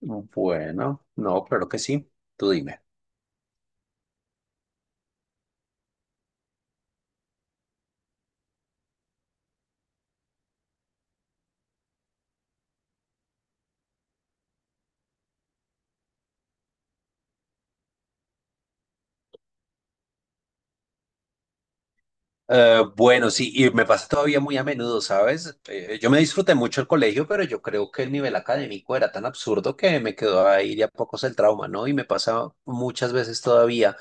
Bueno, no, claro que sí. Tú dime. Bueno, sí, y me pasa todavía muy a menudo, ¿sabes? Yo me disfruté mucho el colegio, pero yo creo que el nivel académico era tan absurdo que me quedó ahí de a pocos el trauma, ¿no? Y me pasa muchas veces todavía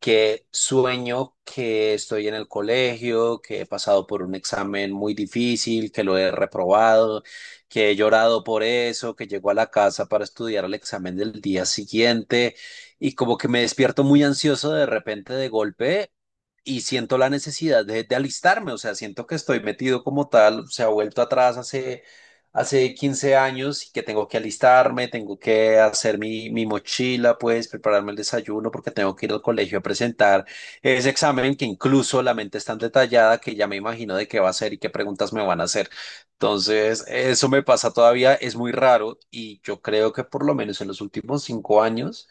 que sueño que estoy en el colegio, que he pasado por un examen muy difícil, que lo he reprobado, que he llorado por eso, que llego a la casa para estudiar el examen del día siguiente y como que me despierto muy ansioso de repente de golpe y siento la necesidad de alistarme, o sea, siento que estoy metido como tal, se ha vuelto atrás hace 15 años y que tengo que alistarme, tengo que hacer mi mochila, pues prepararme el desayuno porque tengo que ir al colegio a presentar ese examen, que incluso la mente es tan detallada que ya me imagino de qué va a ser y qué preguntas me van a hacer. Entonces, eso me pasa todavía, es muy raro y yo creo que por lo menos en los últimos 5 años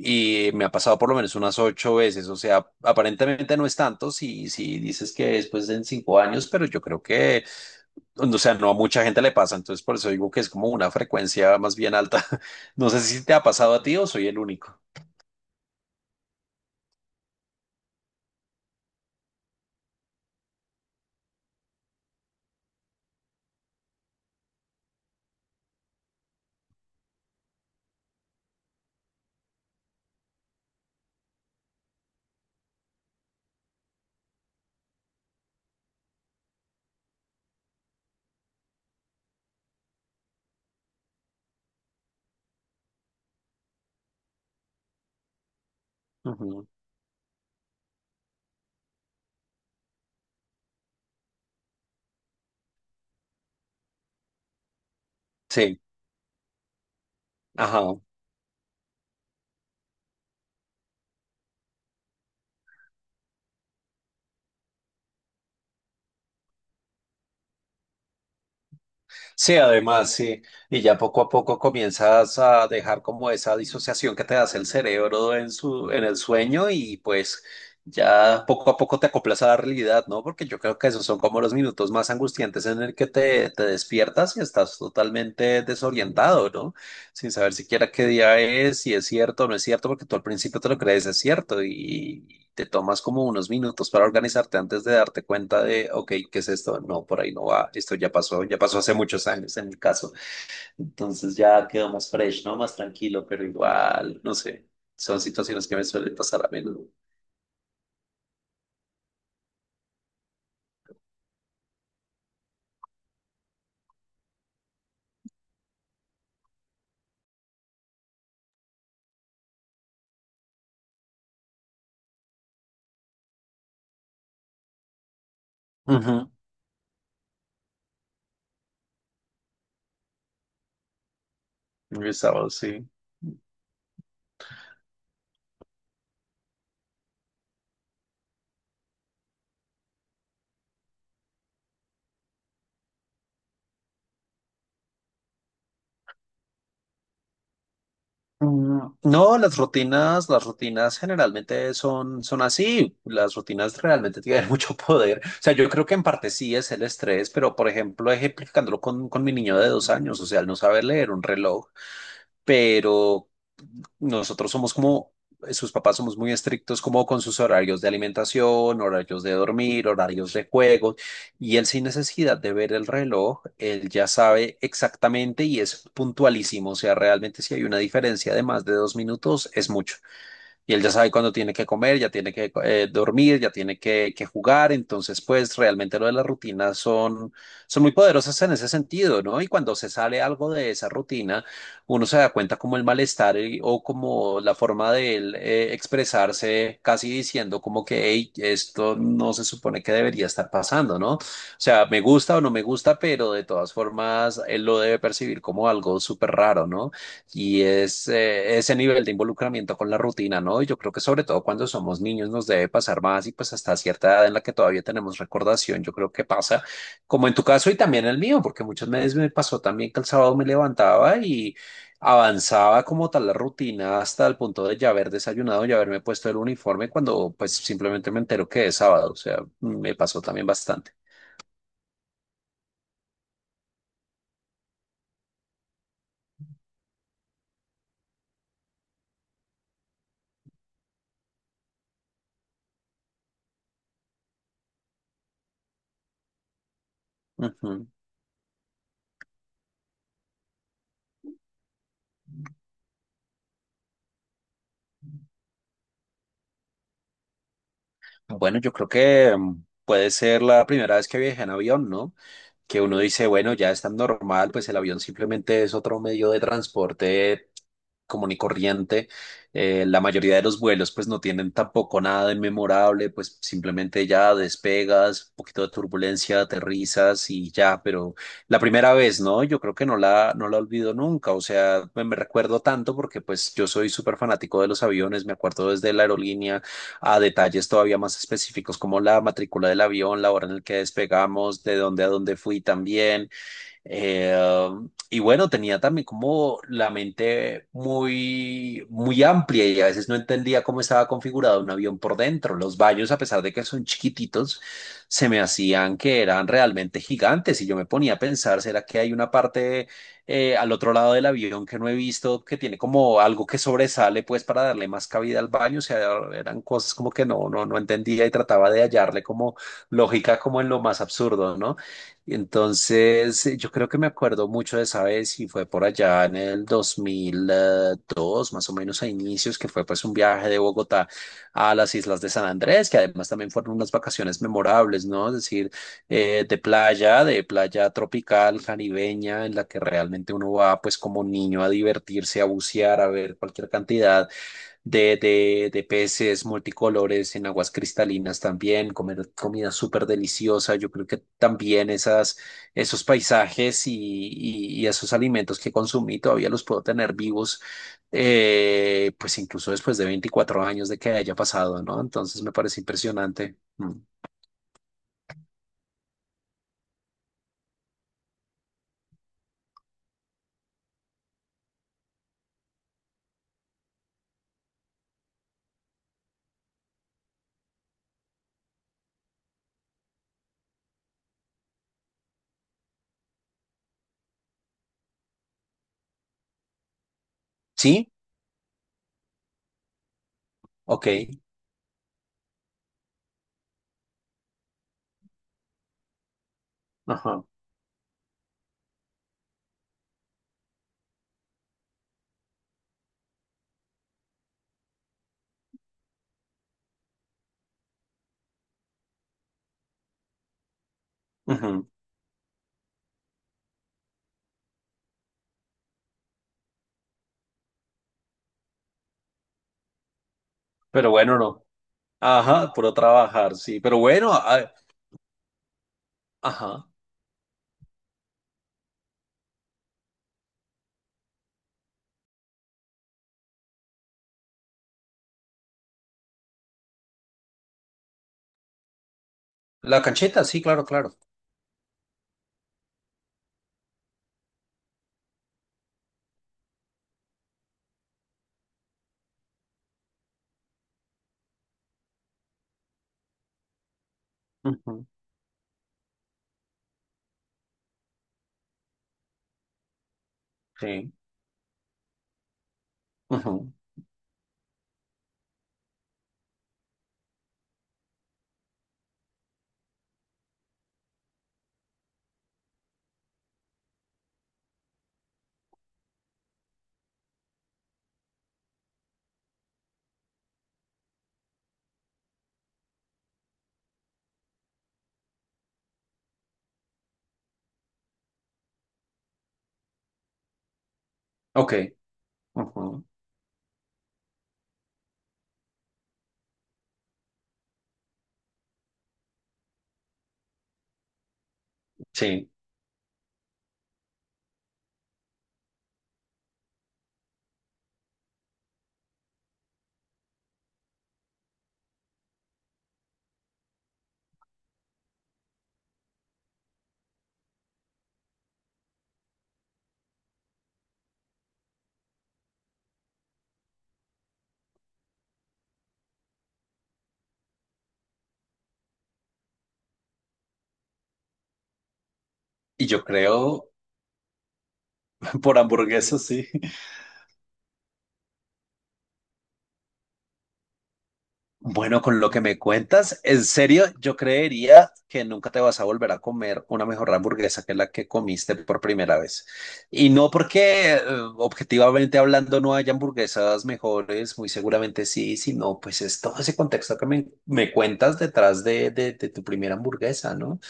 y me ha pasado por lo menos unas 8 veces, o sea, aparentemente no es tanto si dices que después en 5 años, pero yo creo que, o sea, no a mucha gente le pasa, entonces por eso digo que es como una frecuencia más bien alta. No sé si te ha pasado a ti o soy el único. Ujú. Sí, ajá. Sí, además, sí. Y ya poco a poco comienzas a dejar como esa disociación que te hace el cerebro en en el sueño y pues ya poco a poco te acoplas a la realidad, ¿no? Porque yo creo que esos son como los minutos más angustiantes en el que te despiertas y estás totalmente desorientado, ¿no? Sin saber siquiera qué día es, si es cierto o no es cierto, porque tú al principio te lo crees, es cierto, y te tomas como unos minutos para organizarte antes de darte cuenta de, ok, ¿qué es esto? No, por ahí no va, esto ya pasó hace muchos años en mi caso. Entonces ya quedó más fresh, ¿no? Más tranquilo, pero igual, no sé, son situaciones que me suelen pasar a menudo. Ujú. Mis sábados, sí. Mm, no, las rutinas generalmente son, son así. Las rutinas realmente tienen mucho poder. O sea, yo creo que en parte sí es el estrés, pero por ejemplo, ejemplificándolo con mi niño de 2 años, o sea, él no saber leer un reloj, pero nosotros somos como, sus papás somos muy estrictos como con sus horarios de alimentación, horarios de dormir, horarios de juego, y él sin necesidad de ver el reloj, él ya sabe exactamente y es puntualísimo, o sea, realmente si hay una diferencia de más de 2 minutos, es mucho y él ya sabe cuándo tiene que comer, ya tiene que dormir, ya tiene que jugar, entonces pues realmente lo de las rutinas son, son muy poderosas en ese sentido, ¿no? Y cuando se sale algo de esa rutina, uno se da cuenta como el malestar, o como la forma de él expresarse, casi diciendo como que, hey, esto no se supone que debería estar pasando, ¿no? O sea, me gusta o no me gusta, pero de todas formas él lo debe percibir como algo súper raro, ¿no? Y es ese nivel de involucramiento con la rutina, ¿no? Y yo creo que sobre todo cuando somos niños nos debe pasar más y pues hasta cierta edad en la que todavía tenemos recordación, yo creo que pasa, como en tu caso y también en el mío, porque muchas veces me pasó también que el sábado me levantaba y avanzaba como tal la rutina hasta el punto de ya haber desayunado, ya haberme puesto el uniforme cuando pues simplemente me entero que es sábado, o sea, me pasó también bastante. Ujú. Bueno, yo creo que mm, puede ser la primera vez que viajé en avión, ¿no? Que uno dice, bueno, ya es tan normal, pues el avión simplemente es otro medio de transporte común y corriente. La mayoría de los vuelos pues no tienen tampoco nada de memorable, pues simplemente ya despegas, un poquito de turbulencia, aterrizas y ya, pero la primera vez, ¿no? Yo creo que no la olvido nunca, o sea, me recuerdo tanto porque pues yo soy súper fanático de los aviones, me acuerdo desde la aerolínea a detalles todavía más específicos como la matrícula del avión, la hora en la que despegamos, de dónde a dónde fui también eh, y bueno, tenía también como la mente muy, muy amplia y a veces no entendía cómo estaba configurado un avión por dentro. Los baños, a pesar de que son chiquititos, se me hacían que eran realmente gigantes y yo me ponía a pensar, ¿será que hay una parte al otro lado del avión que no he visto, que tiene como algo que sobresale pues para darle más cabida al baño? O sea, eran cosas como que no, no, no entendía y trataba de hallarle como lógica como en lo más absurdo, ¿no? Y entonces, yo creo que me acuerdo mucho de esa vez y fue por allá en el dos mil dos más o menos a inicios, que fue pues un viaje de Bogotá a las islas de San Andrés, que además también fueron unas vacaciones memorables, ¿no? Es decir, de playa tropical, caribeña, en la que realmente uno va pues como niño a divertirse, a bucear, a ver cualquier cantidad de peces multicolores en aguas cristalinas también, comer comida súper deliciosa. Yo creo que también esos paisajes y esos alimentos que consumí todavía los puedo tener vivos, pues incluso después de 24 años de que haya pasado, ¿no? Entonces me parece impresionante. Mm. ¿Sí? Ok. Ajá. Ujú. Pero bueno, no. Ajá, puro trabajar, sí. Pero bueno, ajá. La cancheta, sí, claro, claro. Ujú. Sí. Ujú. Ok, ujú, sí. Y yo creo, por hamburguesas, sí. Bueno, con lo que me cuentas, en serio, yo creería que nunca te vas a volver a comer una mejor hamburguesa que la que comiste por primera vez. Y no porque, objetivamente hablando, no haya hamburguesas mejores, muy seguramente sí, sino pues es todo ese contexto que me cuentas detrás de, de tu primera hamburguesa, ¿no?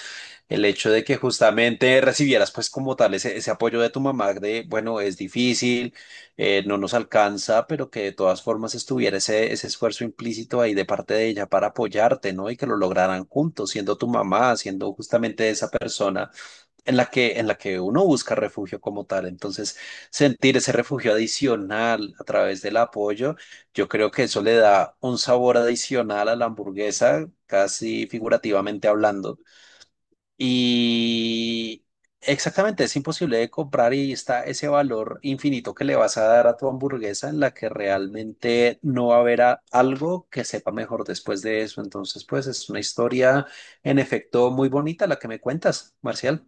El hecho de que justamente recibieras pues como tal ese apoyo de tu mamá de, bueno, es difícil, no nos alcanza, pero que de todas formas estuviera ese esfuerzo implícito ahí de parte de ella para apoyarte, ¿no? Y que lo lograran juntos, siendo tu mamá, siendo justamente esa persona en la que uno busca refugio como tal. Entonces, sentir ese refugio adicional a través del apoyo, yo creo que eso le da un sabor adicional a la hamburguesa, casi figurativamente hablando. Y exactamente, es imposible de comprar, y está ese valor infinito que le vas a dar a tu hamburguesa en la que realmente no va a haber algo que sepa mejor después de eso. Entonces, pues es una historia en efecto muy bonita la que me cuentas, Marcial.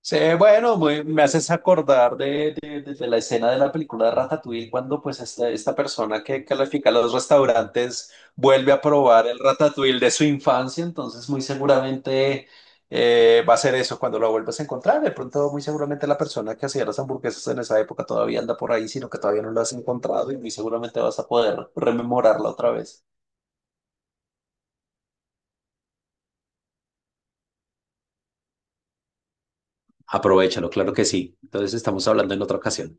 Sí, bueno, me haces acordar de la escena de la película de Ratatouille cuando pues esta persona que califica los restaurantes vuelve a probar el Ratatouille de su infancia, entonces muy seguramente va a ser eso cuando lo vuelvas a encontrar. De pronto muy seguramente la persona que hacía las hamburguesas en esa época todavía anda por ahí, sino que todavía no lo has encontrado y muy seguramente vas a poder rememorarla otra vez. Aprovechalo, claro que sí. Entonces estamos hablando en otra ocasión.